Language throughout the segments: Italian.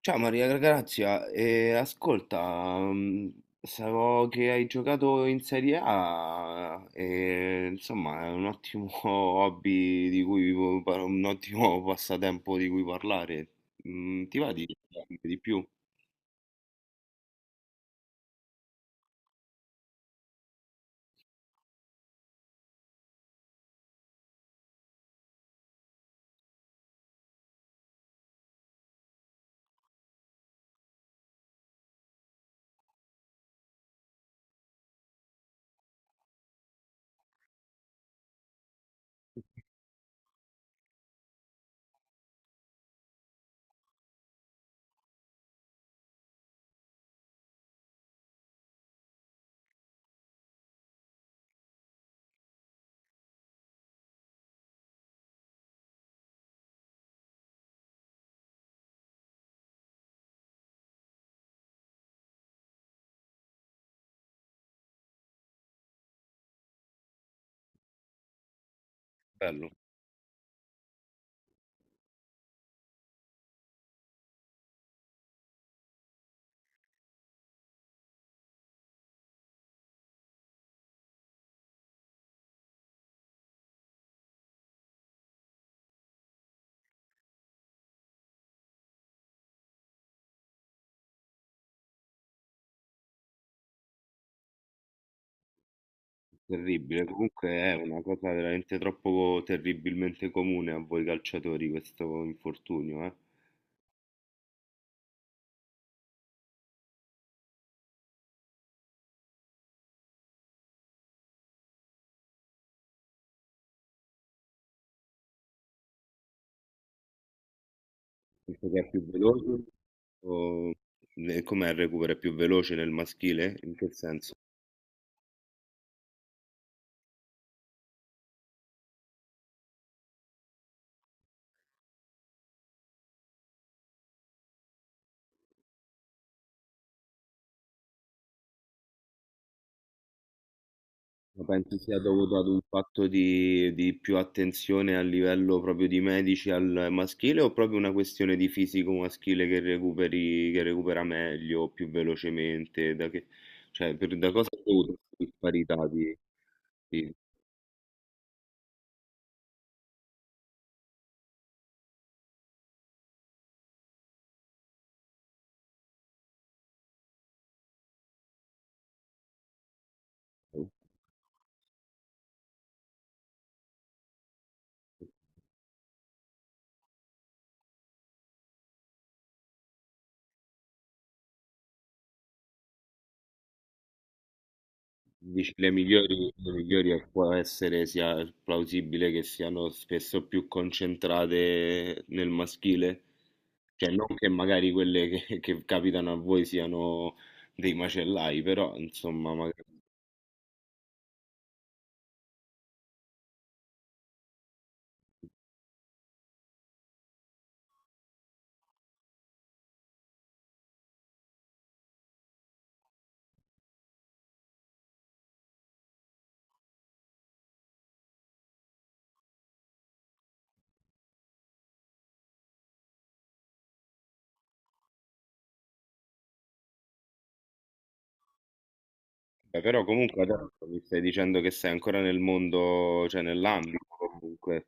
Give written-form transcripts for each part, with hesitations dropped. Ciao Maria Grazia, ascolta, so che hai giocato in Serie A e insomma è un ottimo hobby di cui, un ottimo passatempo di cui parlare. Ti va di più? Bello, terribile. Comunque è una cosa veramente troppo terribilmente comune a voi calciatori questo infortunio, eh? Penso che è più veloce o... e com'è il recupero? È più veloce nel maschile? In che senso? Ma pensi sia dovuto ad un fatto di più attenzione a livello proprio di medici al maschile o proprio una questione di fisico maschile che recuperi che recupera meglio, più velocemente? Da che, cioè, per da cosa è dovuta questa disparità di Dici, le migliori può essere sia plausibile che siano spesso più concentrate nel maschile, cioè non che magari quelle che capitano a voi siano dei macellai, però insomma, magari- Beh, però comunque adesso mi stai dicendo che sei ancora nel mondo, cioè nell'ambito comunque.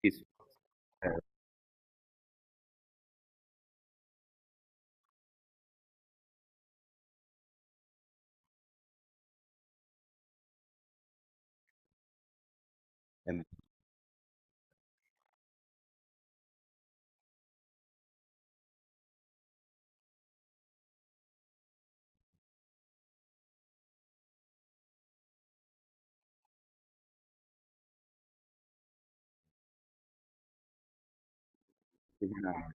Sì, sì. Eh, è disciplinare,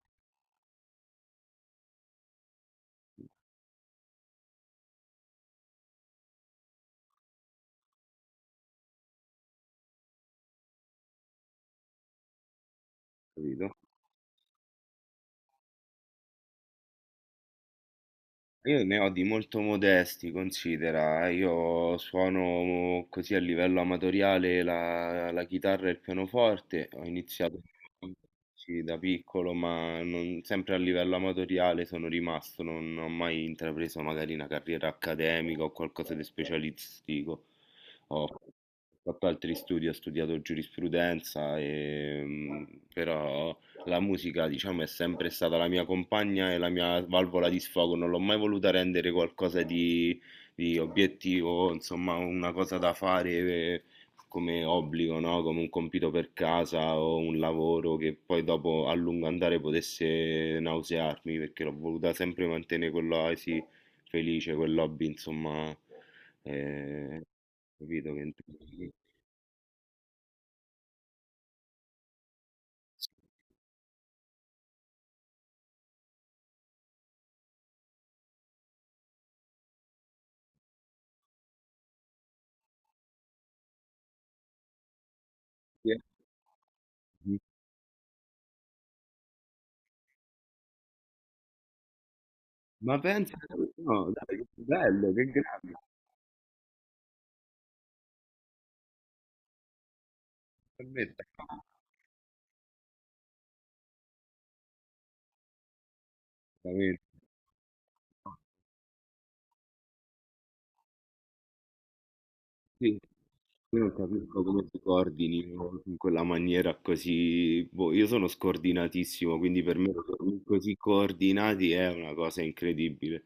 capito? Io ne ho di molto modesti, considera, eh. Io suono così a livello amatoriale la chitarra e il pianoforte, ho iniziato sì, da piccolo, ma non- sempre a livello amatoriale sono rimasto, non ho mai intrapreso magari una carriera accademica o qualcosa di specialistico. Ho fatto altri studi, ho studiato giurisprudenza, e, però la musica, diciamo, è sempre stata la mia compagna e la mia valvola di sfogo, non l'ho mai voluta rendere qualcosa di obiettivo, insomma, una cosa da fare come obbligo, no? Come un compito per casa o un lavoro che poi dopo a lungo andare potesse nausearmi, perché l'ho voluta sempre mantenere quell'oasi felice, quell'hobby, insomma, eh, capito che... Ma pensa, no, dai, che bello, che grande. Per me è tanto, veramente- Sì, io non capisco come si coordinino in quella maniera così. Boh, io sono scordinatissimo, quindi per me dormire così coordinati è una cosa incredibile.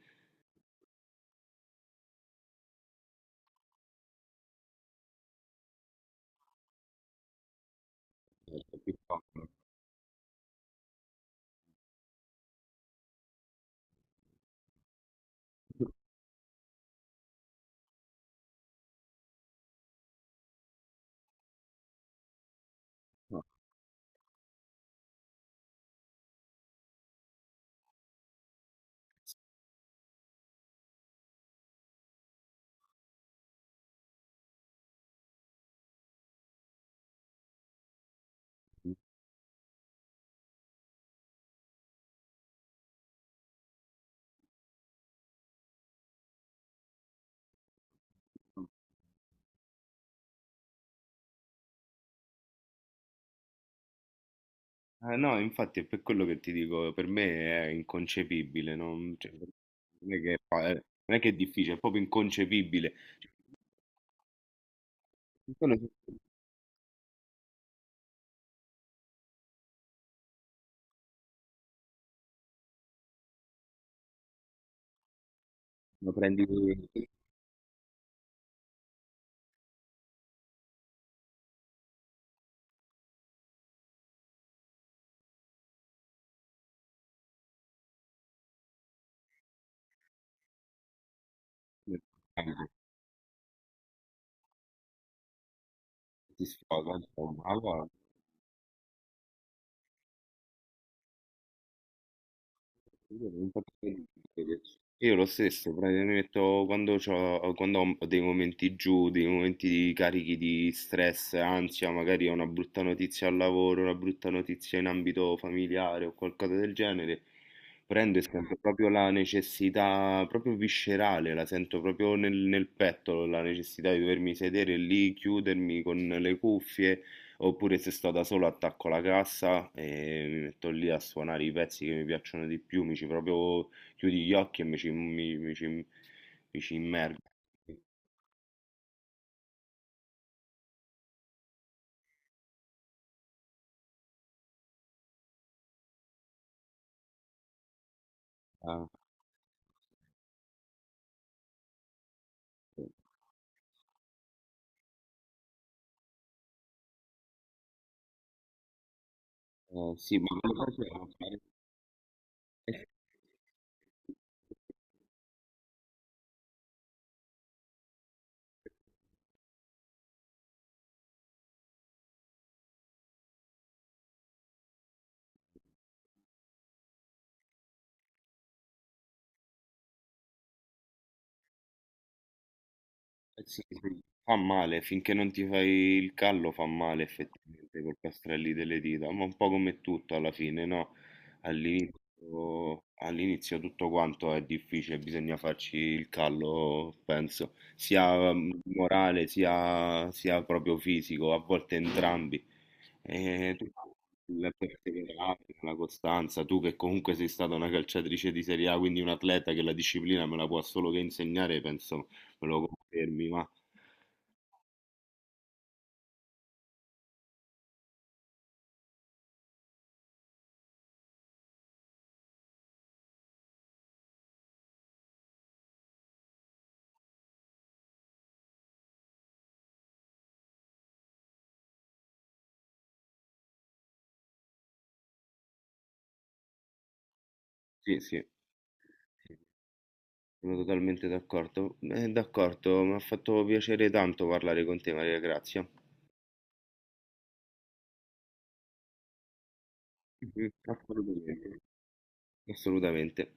No, infatti è per quello che ti dico, per me è inconcepibile, non, cioè, non è che, fa- non è che è difficile, è proprio inconcepibile. Solo se lo prendi eh, ti sfoga, insomma, allora. Io non posso crederci. Io lo stesso, praticamente mi metto quando, c'ho- quando ho dei momenti giù, dei momenti di carichi di stress, ansia, magari ho una brutta notizia al lavoro, una brutta notizia in ambito familiare o qualcosa del genere, prendo e sento proprio la necessità, proprio viscerale, la sento proprio nel petto, la necessità di dovermi sedere lì, chiudermi con le cuffie. Oppure se sto da solo attacco la cassa e mi metto lì a suonare i pezzi che mi piacciono di più, mi ci proprio chiudi gli occhi e mi ci immergo. Ah, sì. Eh, sì, ma... Eh sì, sì, fa male, finché non ti fai il callo fa male effettivamente col castrelli delle dita, ma un po' come tutto alla fine, no? All'inizio tutto quanto è difficile, bisogna farci il callo, penso, sia morale sia, sia proprio fisico, a volte entrambi. E tu- il perseverare, la costanza, tu che comunque sei stata una calciatrice di Serie A, quindi un atleta che la disciplina me la può solo che insegnare, penso me lo confermi, ma sì, sì, sì, sono totalmente d'accordo. D'accordo, mi ha fatto piacere tanto parlare con te, Maria Grazia. Mhm, assolutamente, assolutamente.